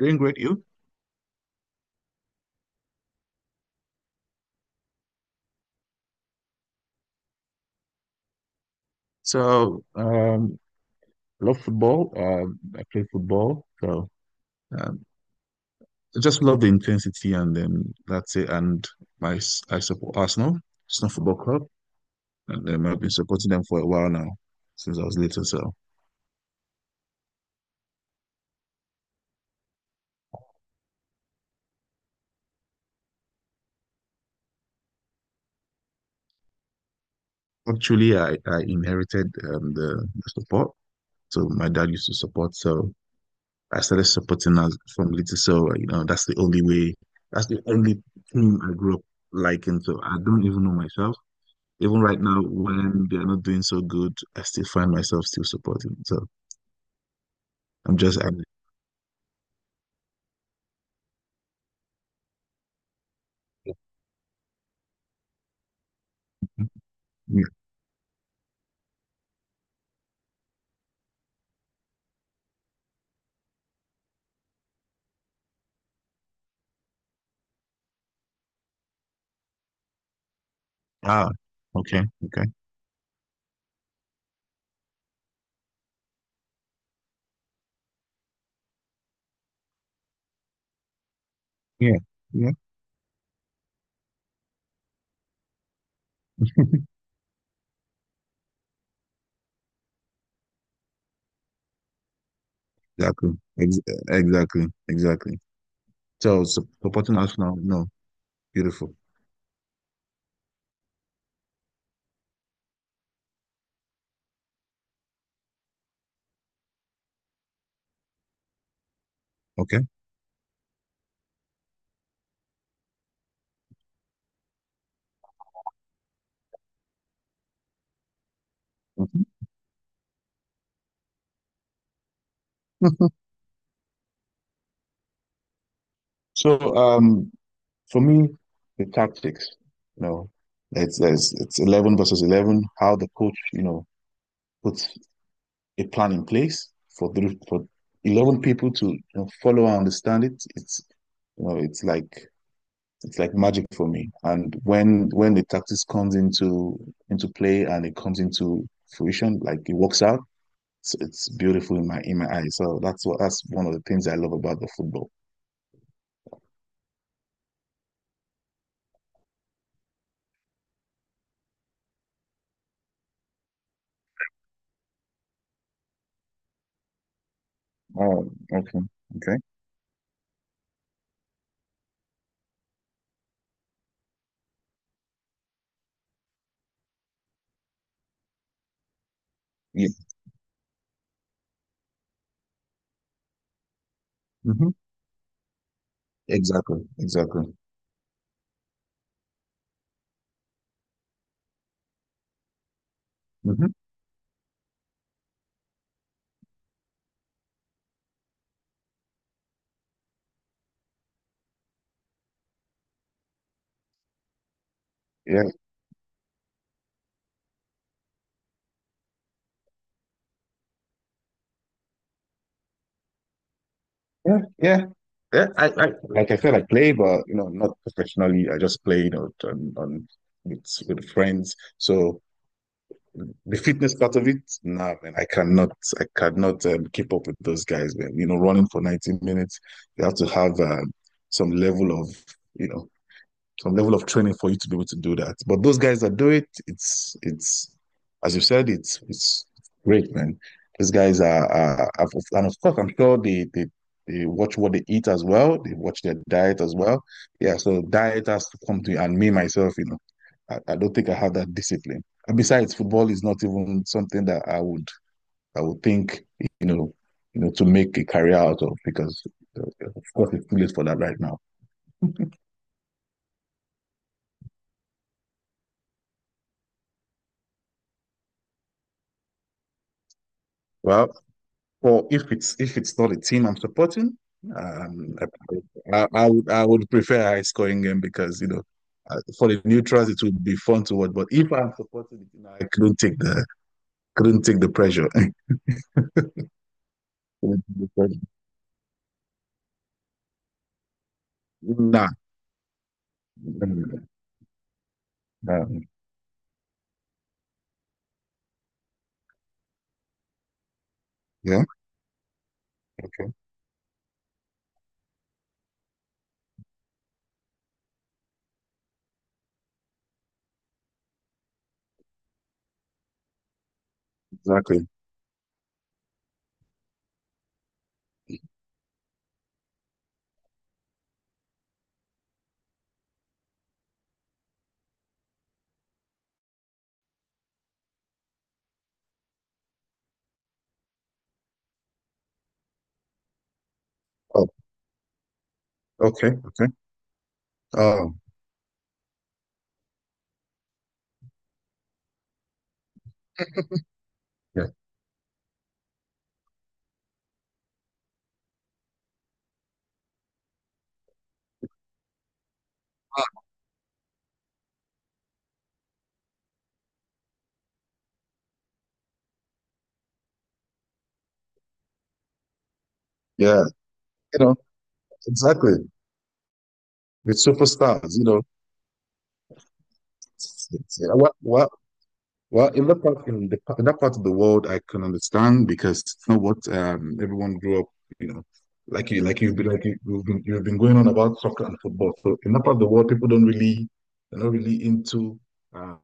Doing great, you. So, um, Love football. I play football, so um, I just love the intensity, and then that's it. And my I support Arsenal, Arsenal Football Club, and then I've been supporting them for a while now, since I was little. So, actually, I inherited the support. So my dad used to support, so I started supporting us from little. So that's the only way. That's the only team I grew up liking. So I don't even know myself. Even right now, when they're not doing so good, I still find myself still supporting. So I'm just, I'm, yeah. Ah, okay, okay. Yeah, yeah, exactly. Ex exactly, exactly. So supporting us now, no, beautiful. Okay. Mhm. So, um, for me, the tactics, you know, it's 11 versus 11, how the coach, you know, puts a plan in place for 11 people to follow and understand it's you know it's like it's like magic for me. And when the tactics comes into play and it comes into fruition, like it works out, it's beautiful in my eyes. So that's what that's one of the things I love about the football. Oh, okay. Okay. Yeah. Mhm. Exactly, exactly. Hmm. Yeah. Yeah, yeah, yeah. I like I said, I play, but you know, not professionally. I just play, you know, on with friends. So the fitness part of it, nah, man, I cannot keep up with those guys, man. You know, running for 90 minutes, you have to have some level of, you know, some level of training for you to be able to do that. But those guys that do it, it's as you said, it's great, man. These guys are And of course, I'm sure they they watch what they eat as well. They watch their diet as well. Yeah, so diet has to come to you. And me myself, you know, I don't think I have that discipline. And besides, football is not even something that I would think, you know, to make a career out of because of course it's too late for that right now. Well, Well, if it's not a team I'm supporting, um, I would prefer a high scoring game because you know for the neutrals it would be fun to watch. But if I'm supporting it, you know, I couldn't take the pressure. Couldn't take the pressure. Nah. Nah. Um, yeah. Okay. Exactly. Oh. Okay. Okay. Oh. Yeah. Yeah. You know. Exactly. With superstars, you know. What Well, in in that part of the world, I can understand because it's not what everyone grew up, you know, like you've been going on about soccer and football. So in that part of the world, people don't really, they're not really into. Uh,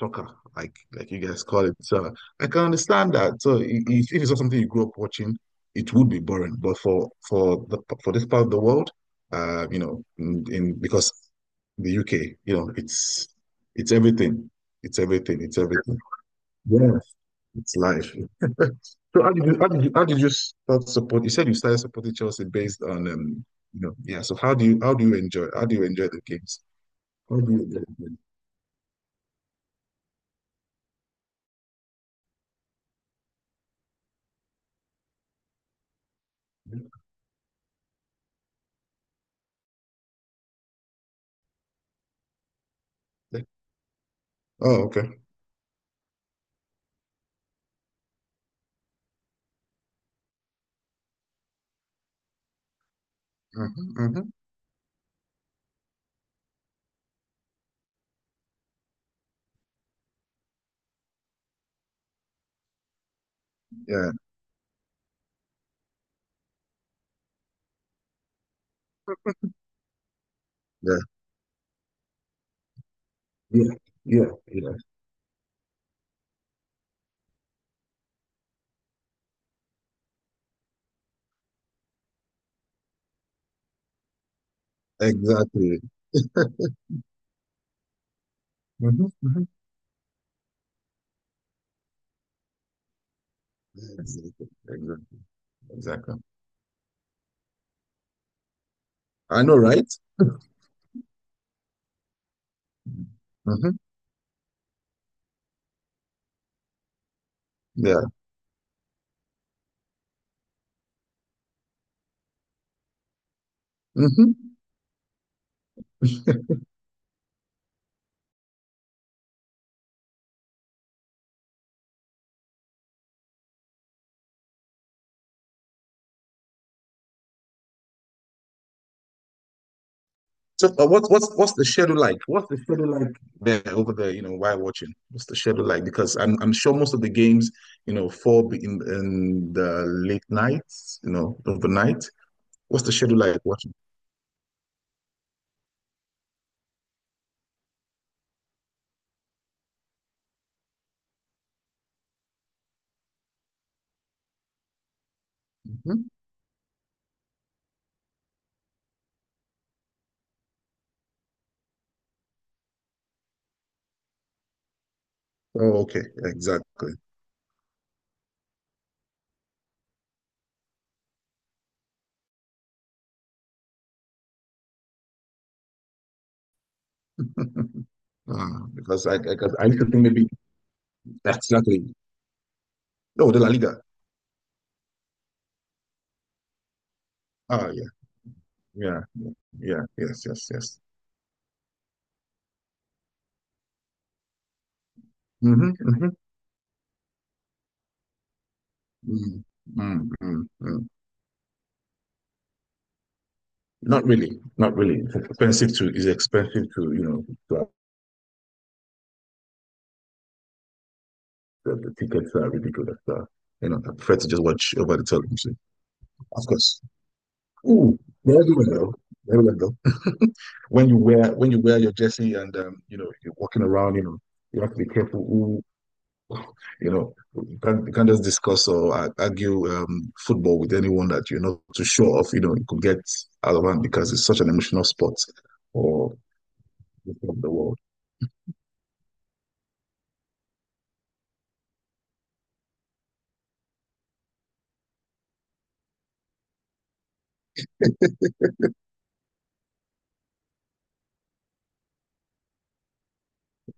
Soccer, like you guys call it. So I can understand that. So if it's not something you grew up watching, it would be boring. But for this part of the world, you know, in because the UK, you know, it's everything. It's everything. It's everything. Yes, it's life. So how did you start support? You said you started supporting Chelsea based on yeah. So how do you enjoy the games? How do you enjoy the games? Oh, okay. Hmm. hmm Yeah. Yeah, Yeah, yeah, yeah. Exactly. hmm hmm. Exactly. Exactly. Exactly. I know, right? Hmm. Yeah. Hmm. So, what's the schedule like? What's the schedule like there over there? You know, while watching, what's the schedule like? Because I'm sure most of the games, you know, in the late nights, you know, overnight. What's the schedule like watching? Hmm. Oh, okay, exactly. Ah, because 'cause I used to think maybe that's exactly. Oh, the La Liga. Ah, yeah, yeah, yeah, yeah, yes, yes, yes. Mm-hmm, mm-hmm, mm, mm, mm, mm. Not really, not really. It's expensive to, you know, to have, the tickets are ridiculous. You know, I prefer to just watch over the television. Of course. Ooh, they're everywhere though. They're everywhere though. When you wear your jersey and you know, you're walking around, you know, you have to be careful. You know, you can't just discuss or argue football with anyone that you're not too sure of. You know, you could get out of hand because it's such an emotional sport for the world.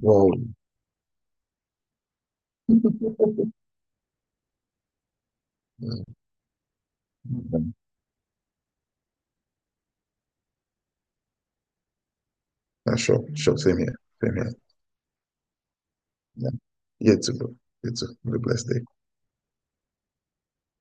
Well, yeah, sure, sure, same here, same here. Yeah, you too, bro. You too. Have a blessed day.